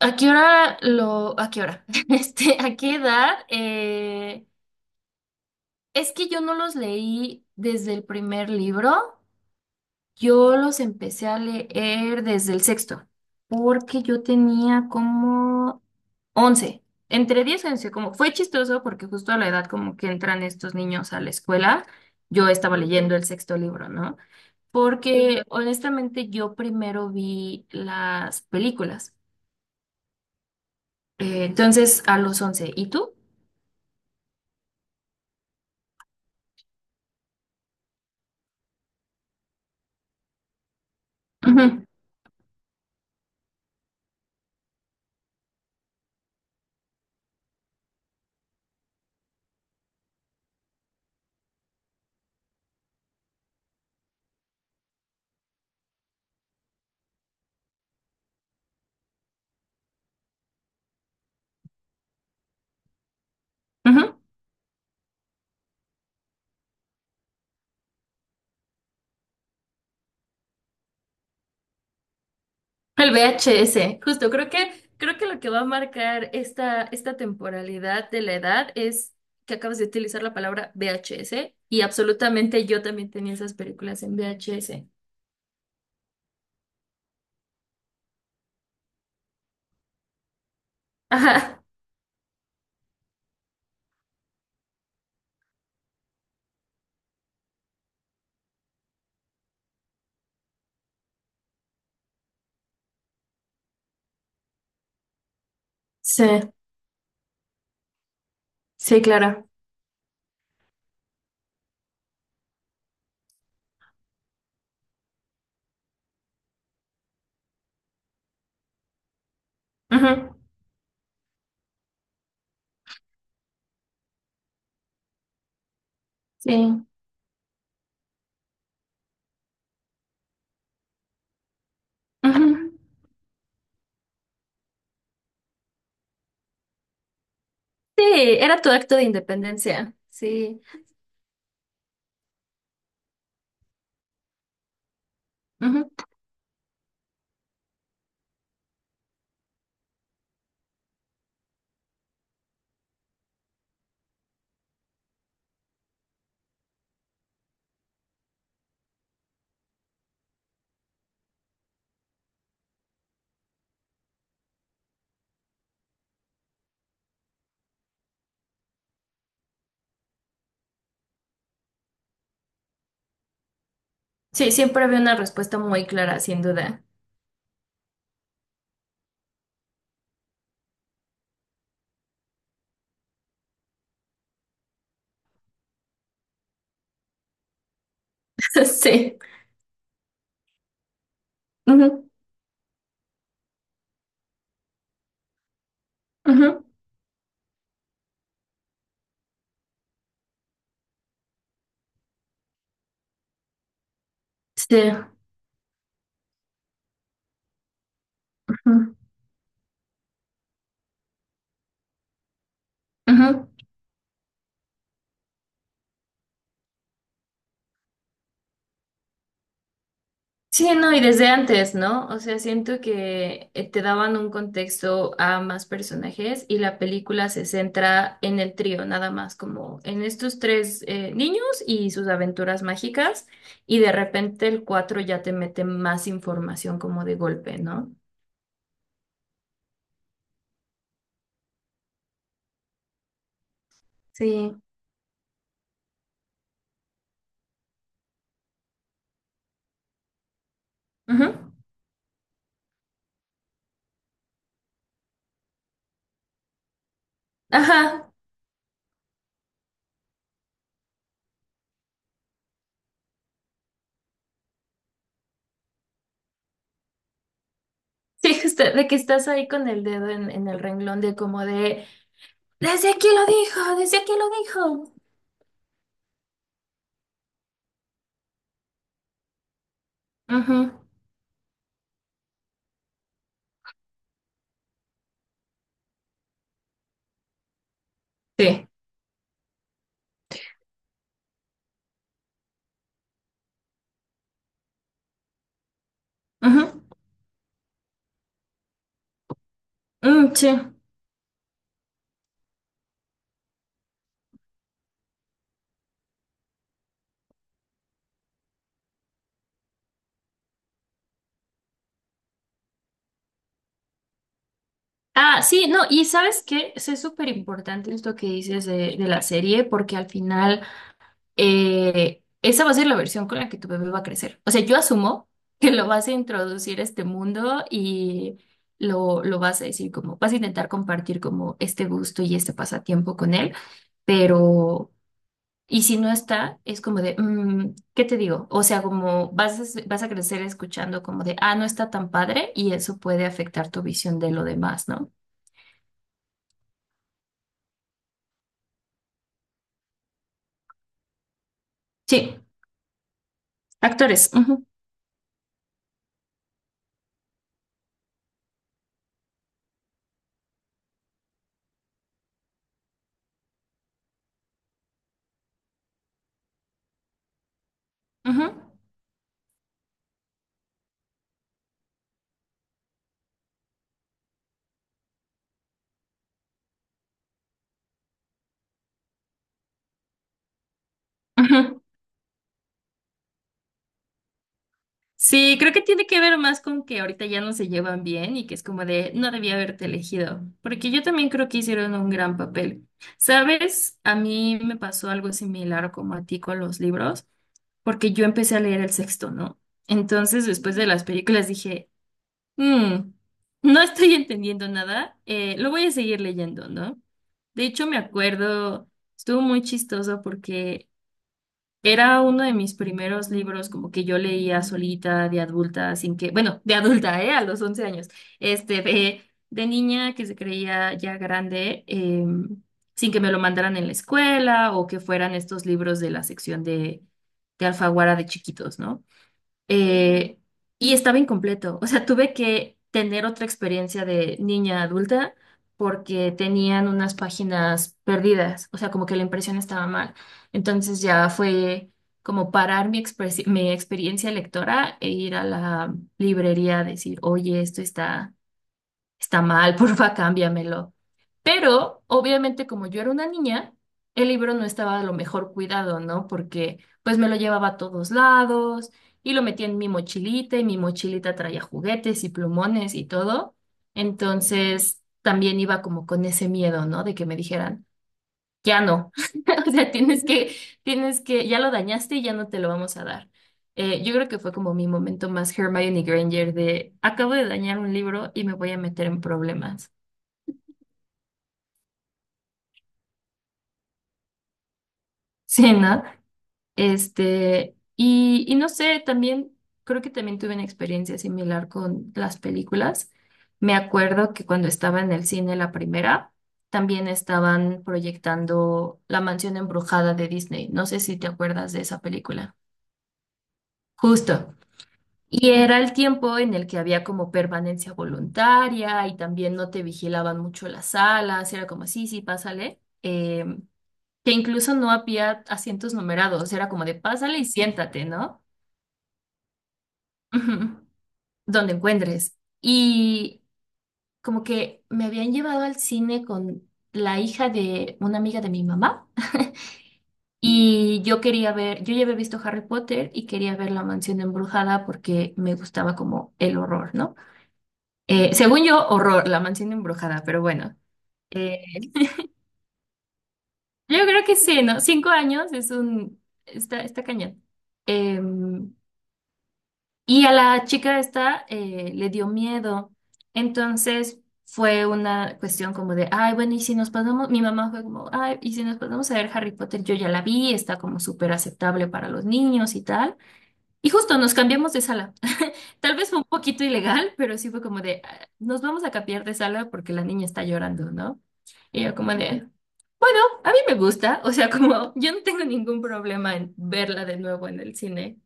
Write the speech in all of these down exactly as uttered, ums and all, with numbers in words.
¿A qué hora lo, a qué hora? Este, ¿a qué edad? Eh, es que yo no los leí desde el primer libro, yo los empecé a leer desde el sexto, porque yo tenía como once, entre diez y once. Como fue chistoso porque justo a la edad como que entran estos niños a la escuela, yo estaba leyendo el sexto libro, ¿no? Porque honestamente yo primero vi las películas. Eh, entonces, a los once. ¿Y tú? Ujú, ujú. El V H S, justo, creo que, creo que lo que va a marcar esta, esta temporalidad de la edad es que acabas de utilizar la palabra V H S y absolutamente yo también tenía esas películas en V H S. Ajá. Sí, sí, claro. Ujú, sí. Ujú. Sí, era tu acto de independencia. Sí. Ujú. Sí, siempre había una respuesta muy clara, sin duda. Sí. Ujú, ujú. Sí. Ujú, ujú. Sí, no, y desde antes, ¿no? O sea, siento que eh, te daban un contexto a más personajes, y la película se centra en el trío, nada más, como en estos tres eh, niños y sus aventuras mágicas, y de repente el cuatro ya te mete más información como de golpe, ¿no? Sí. Ujú. Ajá. Sí, justo, de que estás ahí con el dedo en, en el renglón de como de, desde aquí lo dijo, desde aquí lo dijo. Ujú. Sí. Ujú. Mm, sí. Ah, sí, no, y sabes que es súper importante esto que dices de, de la serie, porque al final eh, esa va a ser la versión con la que tu bebé va a crecer. O sea, yo asumo que lo vas a introducir a este mundo y lo, lo vas a decir como, vas a intentar compartir como este gusto y este pasatiempo con él, pero, y si no está, es como de, mm, ¿qué te digo? O sea, como vas a, s- vas a crecer escuchando como de, ah, no está tan padre, y eso puede afectar tu visión de lo demás, ¿no? Sí. Actores. Ujú, ujú, ujú. Sí, creo que tiene que ver más con que ahorita ya no se llevan bien y que es como de no debía haberte elegido, porque yo también creo que hicieron un gran papel. ¿Sabes? A mí me pasó algo similar como a ti con los libros, porque yo empecé a leer el sexto, ¿no? Entonces, después de las películas dije, "Mm, no estoy entendiendo nada, eh, lo voy a seguir leyendo, ¿no?" De hecho, me acuerdo, estuvo muy chistoso porque era uno de mis primeros libros como que yo leía solita de adulta. Sin que, bueno, de adulta, ¿eh? A los once años. Este, de, de niña que se creía ya grande, eh, sin que me lo mandaran en la escuela o que fueran estos libros de la sección de, de Alfaguara de chiquitos, ¿no? eh, y estaba incompleto. O sea, tuve que tener otra experiencia de niña adulta porque tenían unas páginas perdidas. O sea, como que la impresión estaba mal. Entonces ya fue como parar mi, expresi- mi experiencia lectora e ir a la librería a decir, oye, esto está, está mal, porfa, cámbiamelo. Pero obviamente como yo era una niña, el libro no estaba a lo mejor cuidado, ¿no? Porque pues me lo llevaba a todos lados y lo metía en mi mochilita, y mi mochilita traía juguetes y plumones y todo. Entonces también iba como con ese miedo, ¿no? De que me dijeran, ya no. O sea, tienes que, tienes que, ya lo dañaste y ya no te lo vamos a dar. Eh, yo creo que fue como mi momento más Hermione Granger de acabo de dañar un libro y me voy a meter en problemas. Sí, ¿no? Este, y, y no sé, también creo que también tuve una experiencia similar con las películas. Me acuerdo que cuando estaba en el cine la primera, también estaban proyectando La Mansión Embrujada de Disney. No sé si te acuerdas de esa película. Justo. Y era el tiempo en el que había como permanencia voluntaria, y también no te vigilaban mucho las salas. Era como, sí, sí, pásale. Em, que incluso no había asientos numerados. Era como de, pásale y siéntate, ¿no? Ujú, donde encuentres. Y como que me habían llevado al cine con la hija de una amiga de mi mamá, y yo quería ver, yo ya había visto Harry Potter y quería ver La Mansión Embrujada porque me gustaba como el horror, ¿no? Eh, según yo, horror, La Mansión Embrujada, pero bueno. Eh, yo creo que sí, ¿no? Cinco años es un... está, está cañón. Em, Y a la chica esta eh, le dio miedo. Entonces fue una cuestión como de, ay, bueno, y si nos pasamos, mi mamá fue como, ay, y si nos pasamos a ver Harry Potter, yo ya la vi, está como súper aceptable para los niños y tal. Y justo nos cambiamos de sala. Tal vez fue un poquito ilegal, pero sí fue como de, "Ah, nos vamos a cambiar de sala porque la niña está llorando, ¿no?" Y yo como de, bueno, a mí me gusta, o sea, como yo no tengo ningún problema en verla de nuevo en el cine.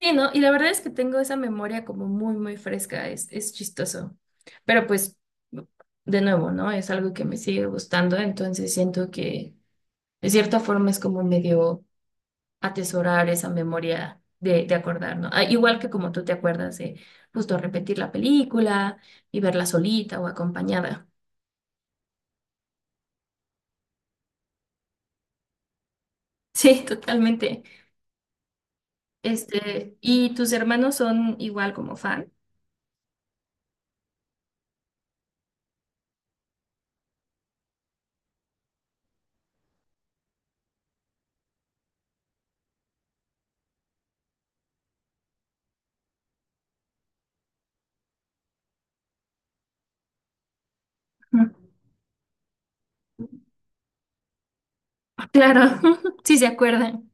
Sí, ¿no? Y la verdad es que tengo esa memoria como muy, muy fresca, es, es chistoso. Pero pues, de nuevo, ¿no? Es algo que me sigue gustando, entonces siento que de cierta forma es como medio atesorar esa memoria de, de, acordar, ¿no? Ah, igual que como tú te acuerdas de justo repetir la película y verla solita o acompañada. Sí, totalmente. Este, ¿y tus hermanos son igual como fan? Ujú. Claro, sí se acuerdan.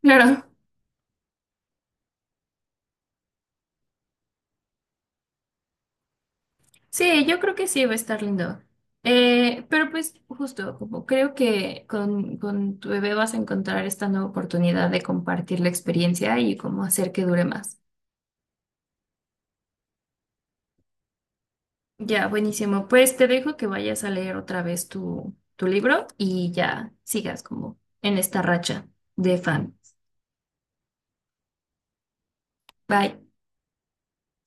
Claro. Sí, yo creo que sí va a estar lindo. Eh, pero pues justo, como creo que con, con tu bebé vas a encontrar esta nueva oportunidad de compartir la experiencia y cómo hacer que dure más. Ya, buenísimo. Pues te dejo que vayas a leer otra vez tu, tu libro y ya sigas como en esta racha de fan. Bye.